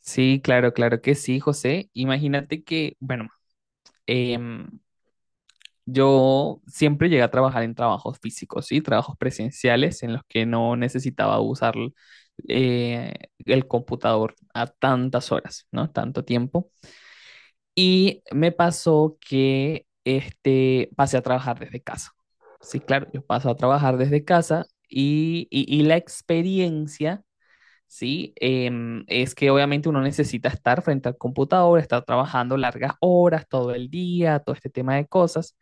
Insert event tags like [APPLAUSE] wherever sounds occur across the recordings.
Sí, claro, claro que sí, José. Imagínate que, bueno, em, yo siempre llegué a trabajar en trabajos físicos, ¿sí? Trabajos presenciales en los que no necesitaba usar eh, el computador a tantas horas, ¿no? Tanto tiempo. Y me pasó que pasé a trabajar desde casa. Sí, claro, yo paso a trabajar desde casa y la experiencia, ¿sí? Es que obviamente uno necesita estar frente al computador, estar trabajando largas horas, todo el día, todo este tema de cosas.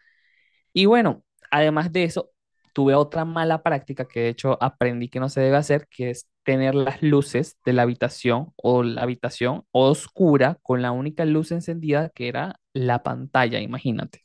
Y bueno, además de eso, tuve otra mala práctica que de hecho aprendí que no se debe hacer, que es tener las luces de la habitación o la habitación oscura con la única luz encendida que era la pantalla, imagínate.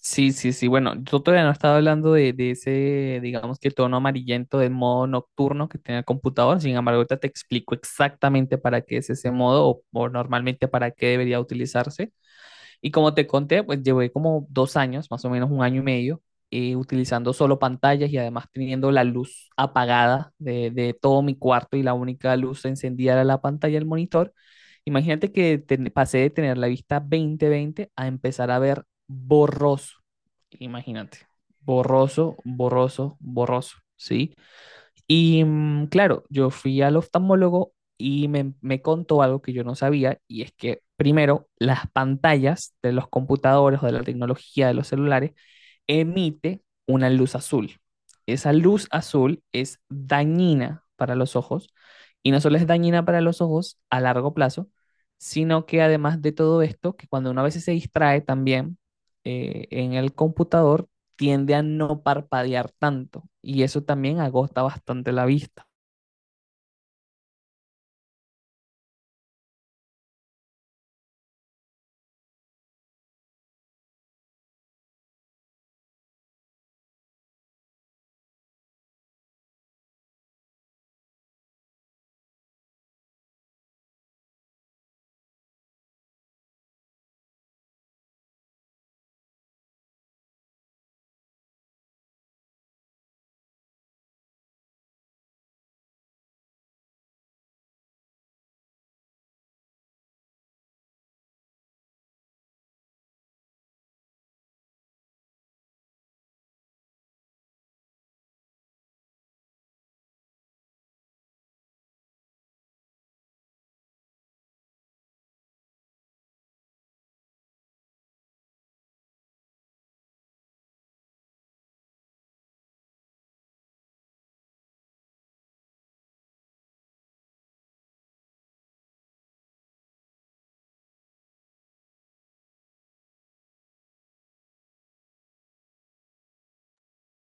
Sí, sí, sí. Bueno, yo todavía no estaba hablando de ese, digamos, que tono amarillento del modo nocturno que tiene el computador. Sin embargo, ahorita te explico exactamente para qué es ese modo o normalmente para qué debería utilizarse. Y como te conté, pues llevé como 2 años, más o menos 1 año y medio, utilizando solo pantallas y además teniendo la luz apagada de todo mi cuarto y la única luz encendida era la pantalla del monitor. Imagínate que pasé de tener la vista 20-20 a empezar a ver borroso. Imagínate, borroso, borroso, borroso, ¿sí? Y claro, yo fui al oftalmólogo y me contó algo que yo no sabía, y es que primero, las pantallas de los computadores o de la tecnología de los celulares emite una luz azul. Esa luz azul es dañina para los ojos y no solo es dañina para los ojos a largo plazo, sino que además de todo esto, que cuando uno a veces se distrae también en el computador, tiende a no parpadear tanto y eso también agota bastante la vista.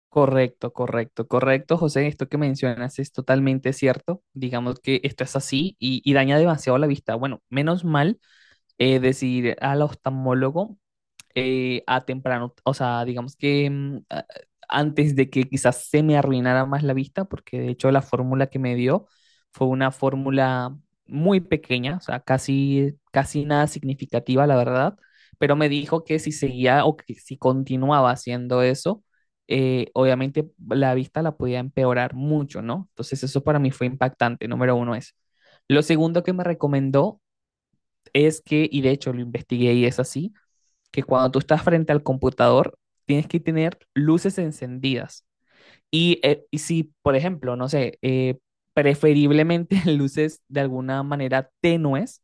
Correcto, correcto, correcto, José. Esto que mencionas es totalmente cierto. Digamos que esto es así y daña demasiado la vista. Bueno, menos mal es decir, al oftalmólogo a temprano, o sea, digamos que antes de que quizás se me arruinara más la vista, porque de hecho la fórmula que me dio fue una fórmula muy pequeña, o sea, casi, casi nada significativa, la verdad, pero me dijo que si seguía o que si continuaba haciendo eso, obviamente la vista la podía empeorar mucho, ¿no? Entonces eso para mí fue impactante, número uno es. Lo segundo que me recomendó es que, y de hecho lo investigué y es así, que cuando tú estás frente al computador, tienes que tener luces encendidas. Y si, por ejemplo, no sé, preferiblemente [LAUGHS] luces de alguna manera tenues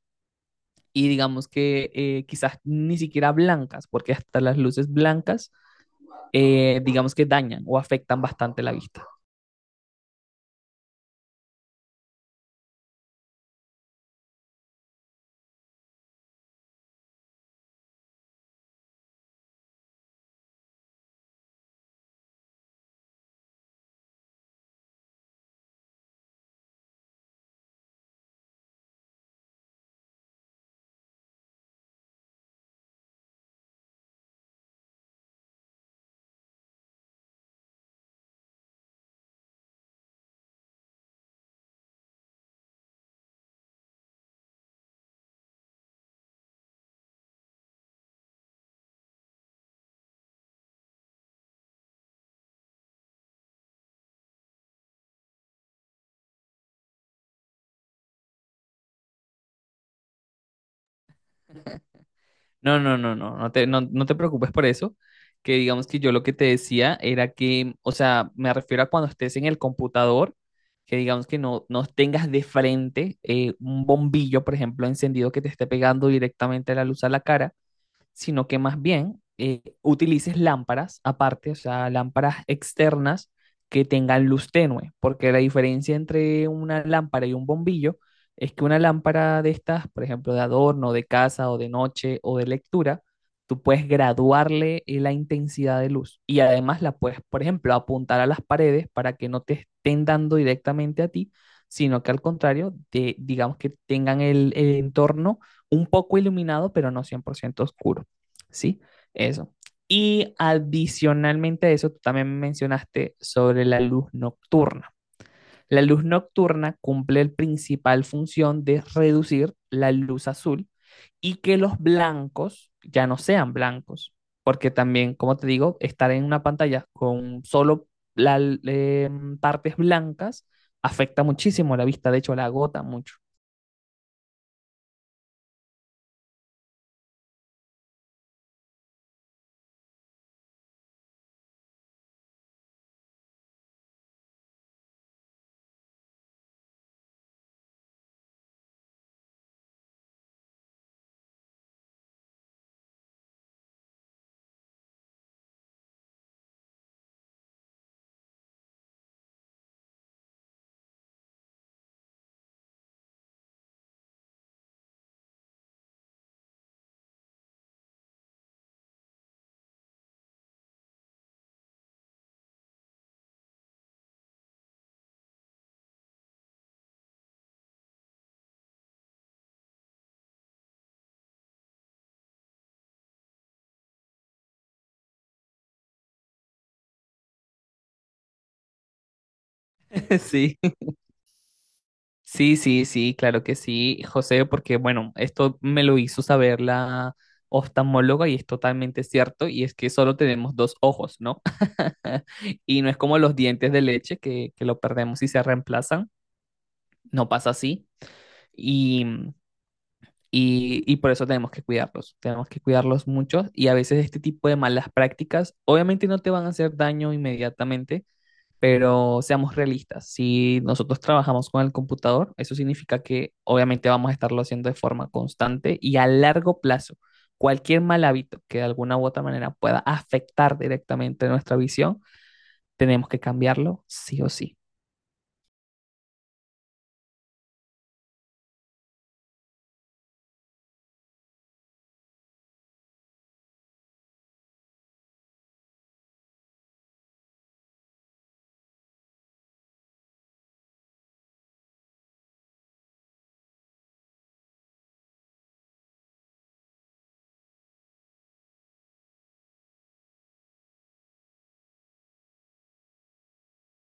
y digamos que quizás ni siquiera blancas, porque hasta las luces blancas, digamos que dañan o afectan bastante la vista. No, no, no, no, no te preocupes por eso, que digamos que yo lo que te decía era que, o sea, me refiero a cuando estés en el computador, que digamos que no tengas de frente un bombillo, por ejemplo, encendido que te esté pegando directamente la luz a la cara, sino que más bien utilices lámparas aparte, o sea, lámparas externas que tengan luz tenue, porque la diferencia entre una lámpara y un bombillo es que una lámpara de estas, por ejemplo, de adorno, de casa o de noche o de lectura, tú puedes graduarle la intensidad de luz y además la puedes, por ejemplo, apuntar a las paredes para que no te estén dando directamente a ti, sino que al contrario, digamos que tengan el entorno un poco iluminado, pero no 100% oscuro. ¿Sí? Eso. Y adicionalmente a eso, tú también mencionaste sobre la luz nocturna. La luz nocturna cumple la principal función de reducir la luz azul y que los blancos ya no sean blancos, porque también, como te digo, estar en una pantalla con solo la, eh, partes blancas afecta muchísimo la vista, de hecho la agota mucho. [LAUGHS] Sí. Sí, sí, sí, claro que sí, José, porque bueno, esto me lo hizo saber la oftalmóloga y es totalmente cierto, y es que solo tenemos 2 ojos, ¿no? [LAUGHS] Y no es como los dientes de leche que lo perdemos y se reemplazan, no pasa así, y, y por eso tenemos que cuidarlos mucho, y a veces este tipo de malas prácticas obviamente no te van a hacer daño inmediatamente, pero seamos realistas, si nosotros trabajamos con el computador, eso significa que obviamente vamos a estarlo haciendo de forma constante y a largo plazo. Cualquier mal hábito que de alguna u otra manera pueda afectar directamente nuestra visión, tenemos que cambiarlo sí o sí.